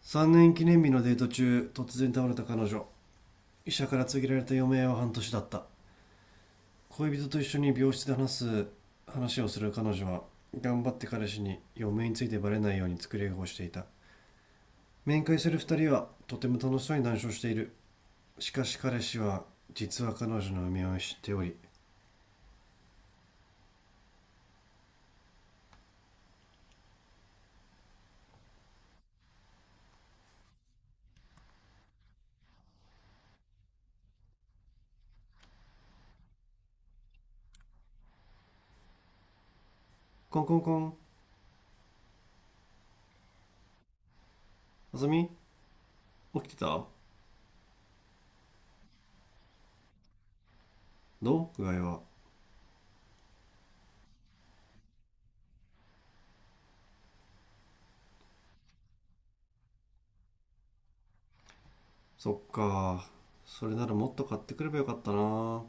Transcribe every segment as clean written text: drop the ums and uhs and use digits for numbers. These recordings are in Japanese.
3年記念日のデート中、突然倒れた彼女。医者から告げられた余命は半年だった。恋人と一緒に病室で話す。話をする彼女は、頑張って彼氏に余命についてバレないように作り笑顔をしていた。面会する二人はとても楽しそうに談笑している。しかし彼氏は、実は彼女の余命を知っており、コンコンコン。あさみ、起きてた？どう、具合は？そっか。それならもっと買ってくればよかったな。ほ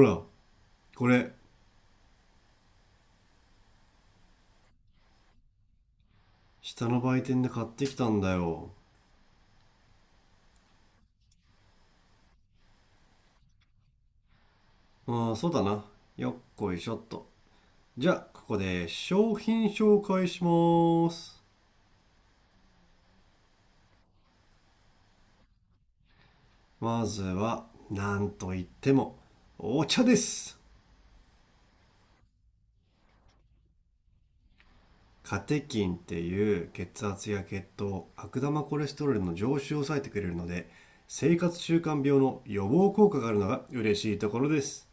ら、これ。下の売店で買ってきたんだよ。ああ、そうだな。よっこいしょっと。じゃあ、ここで商品紹介します。まずは、なんといっても、お茶です。カテキンっていう血圧や血糖、悪玉コレステロールの上昇を抑えてくれるので、生活習慣病の予防効果があるのが嬉しいところです。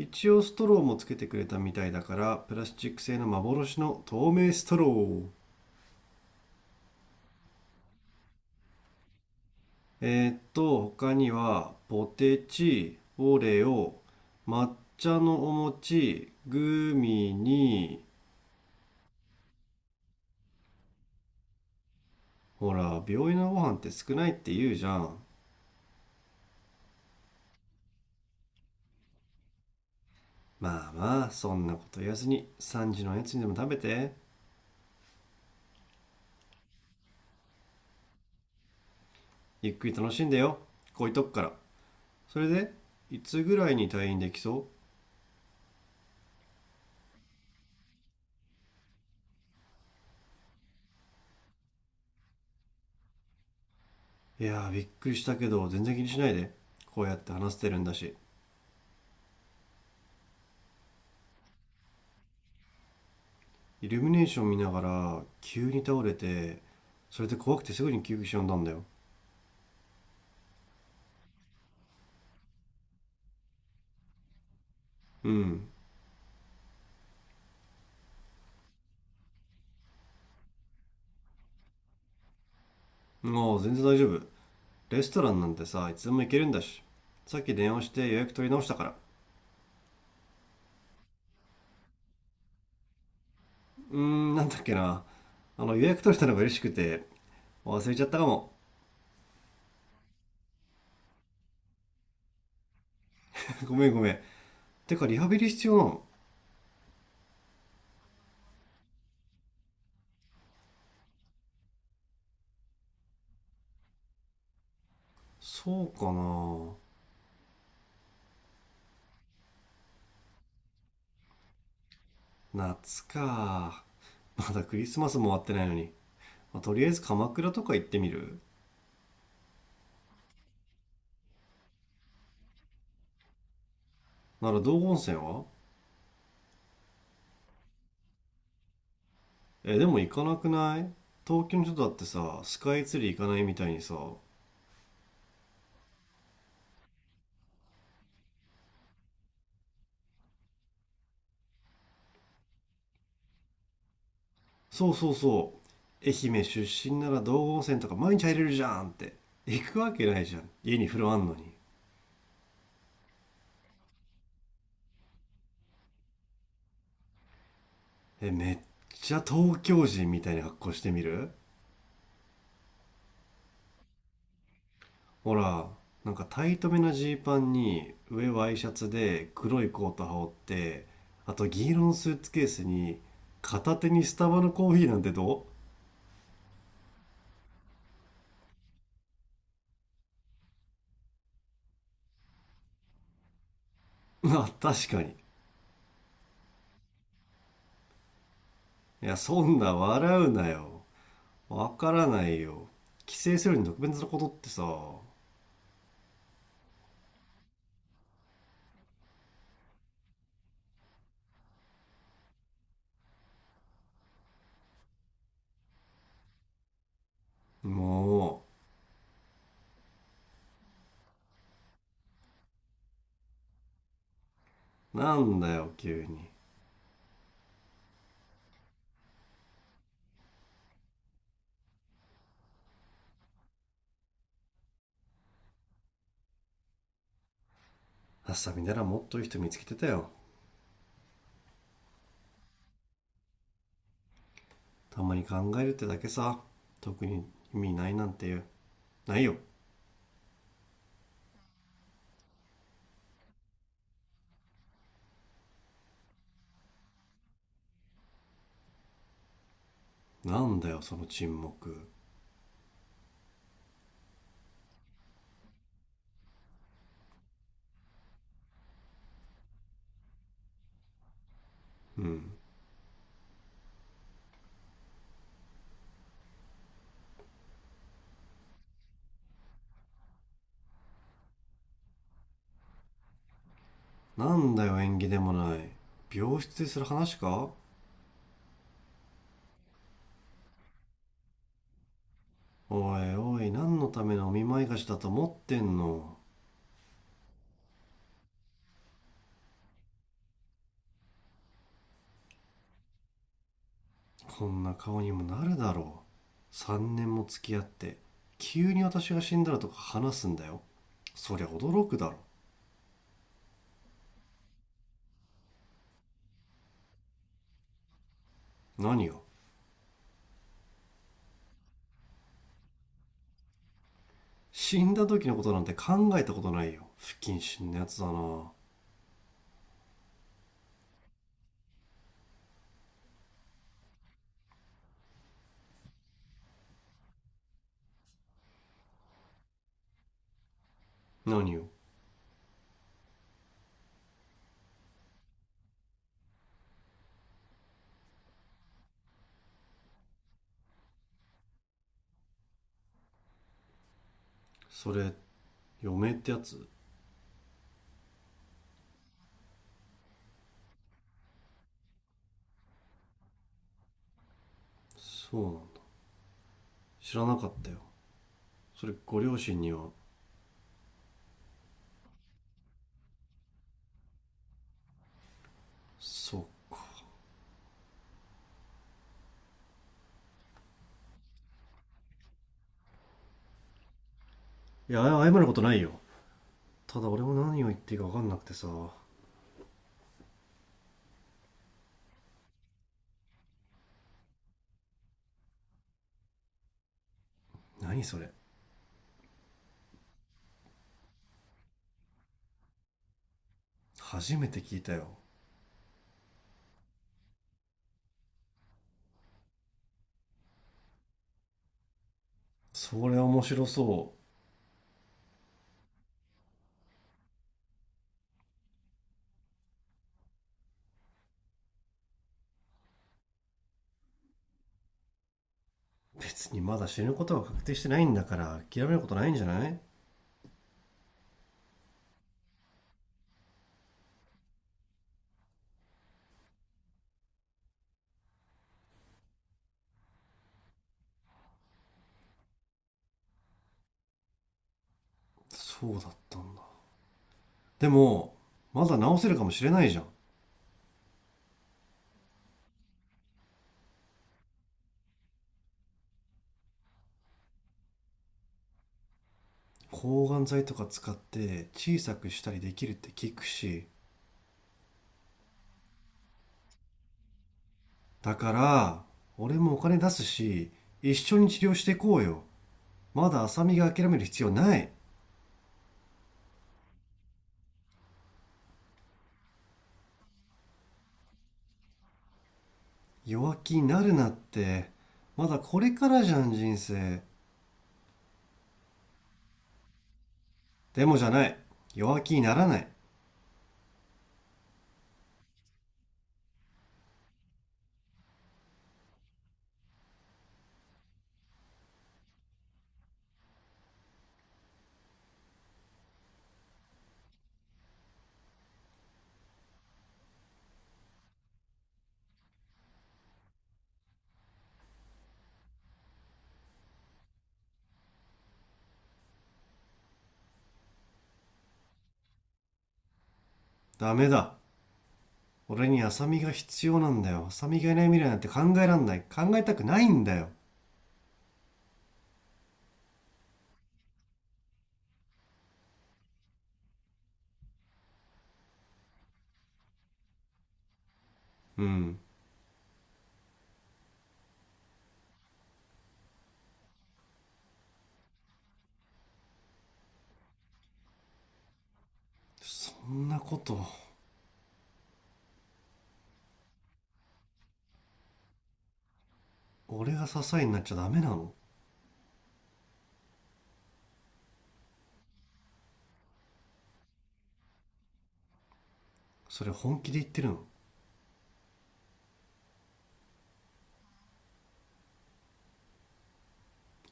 一応ストローもつけてくれたみたいだから、プラスチック製の幻の透明ストロー。他には、ポテチ、オレオ、抹茶のお餅、グミに、ほら、病院のご飯って少ないって言うじゃん。まあまあ、そんなこと言わずに、3時のおやつにでも食べて、ゆっくり楽しんでよ。こういうとこから。それで、いつぐらいに退院できそ？ういやー、びっくりしたけど、全然気にしないで。こうやって話してるんだし。イルミネーション見ながら、急に倒れて、それで怖くてすぐに救急車呼んだんだよ。うん、もう全然大丈夫。レストランなんてさ、いつでも行けるんだし。さっき電話して予約取り直したから。うーん、なんだっけな。予約取れたのが嬉しくて、忘れちゃったかも。ごめんごめん。てか、リハビリ必要なの？そうかな。夏か。まだクリスマスも終わってないのに。まあとりあえず鎌倉とか行ってみる？なら道後温泉は？え、でも行かなくない？東京の人だってさ、スカイツリー行かないみたいにさ、そうそうそう、愛媛出身なら道後温泉とか毎日入れるじゃんって。行くわけないじゃん、家に風呂あんのに。え、めっちゃ東京人みたいな格好してみる？ほら、なんかタイトめなジーパンに、上ワイシャツで黒いコート羽織って、あと銀色のスーツケースに、片手にスタバのコーヒーなんてどう？ あ、確かに。いや、そんな笑うなよ。わからないよ。帰省するのに特別なことってさ、もう、なんだよ急に。あっさみならもっといい人見つけてたよ。たまに考えるってだけさ。特に、意味ないなんていう、ないよ。なんだよ、その沈黙。うん。なんだよ、縁起でもない。病室でする話か？おいおい、何のためのお見舞い菓子だと思ってんの？こんな顔にもなるだろう、3年も付き合って急に私が死んだらとか話すんだよ。そりゃ驚くだろ。何が？死んだ時のことなんて考えたことないよ。不謹慎なやつだな。何よ？それ、嫁ってやつ？そうなんだ。知らなかったよ。それ、ご両親には？そうか。いや、謝ることないよ。ただ、俺も何を言っていいか分かんなくてさ。何それ？初めて聞いたよ。それは面白そう。別にまだ死ぬことは確定してないんだから、諦めることないんじゃない？そうだったんだ。でも、まだ治せるかもしれないじゃん。抗がん剤とか使って小さくしたりできるって聞くし。だから俺もお金出すし、一緒に治療していこうよ。まだ浅見が諦める必要ない。弱気になるなって。まだこれからじゃん、人生。でもじゃない。弱気にならない。ダメだ。俺に浅見が必要なんだよ。浅見がいない未来なんて考えらんない。考えたくないんだよ。うん、そんなこと。俺が支えになっちゃダメなの？それ本気で言ってるの？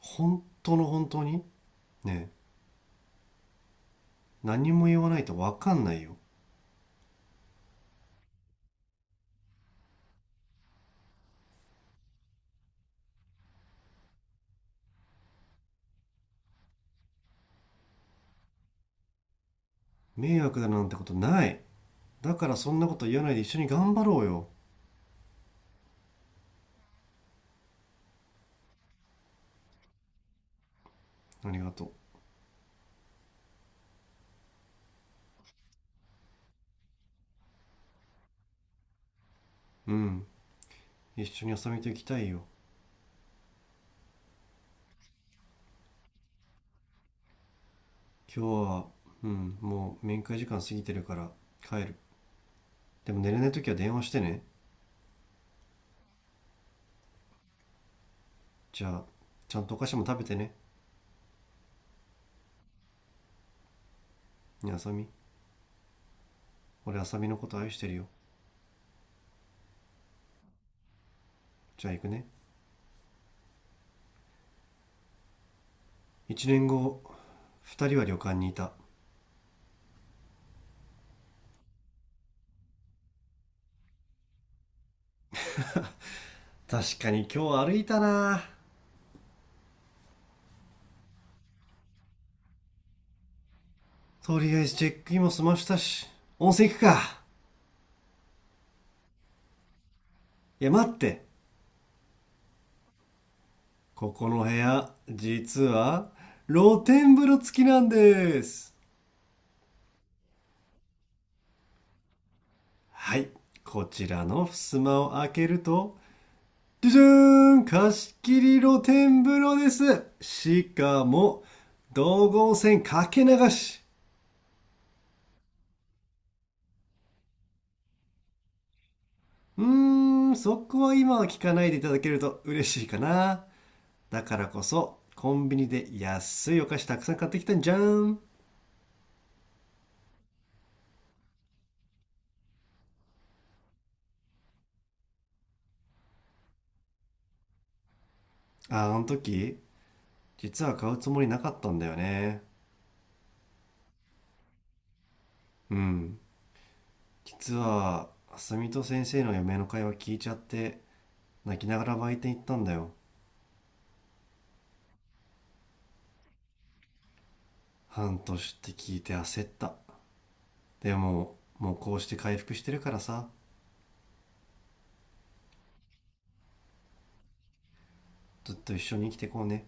本当の本当に？ね、何も言わないと分かんないよ。迷惑だなんてことない。だから、そんなこと言わないで一緒に頑張ろうよ。ありがと。ううん、一緒に遊びと行きたいよ。今日は、うん、もう面会時間過ぎてるから帰る。でも、寝れない時は電話してね。じゃあ、ちゃんとお菓子も食べてね。ね、あさみ。俺、あさみのこと愛してるよ。じゃあ行くね。1年後。2人は旅館にいた。確かに今日歩いたなぁ。とりあえずチェックインも済ましたし、温泉行くか。いや、待って。ここの部屋、実は、露天風呂付きなんです。はい。こちらの襖を開けると、じゃじゃーん貸し切り露天風呂です。しかも、道後温泉かけ流し。うーん、そこは今は聞かないでいただけると嬉しいかな。だからこそ、コンビニで安いお菓子たくさん買ってきたんじゃん。あ、あの時、実は買うつもりなかったんだよね。うん。実は、あさみと先生の嫁の会話聞いちゃって、泣きながら売店行ったんだよ。半年って聞いて焦った。でも、もうこうして回復してるからさ、ずっと一緒に生きてこうね。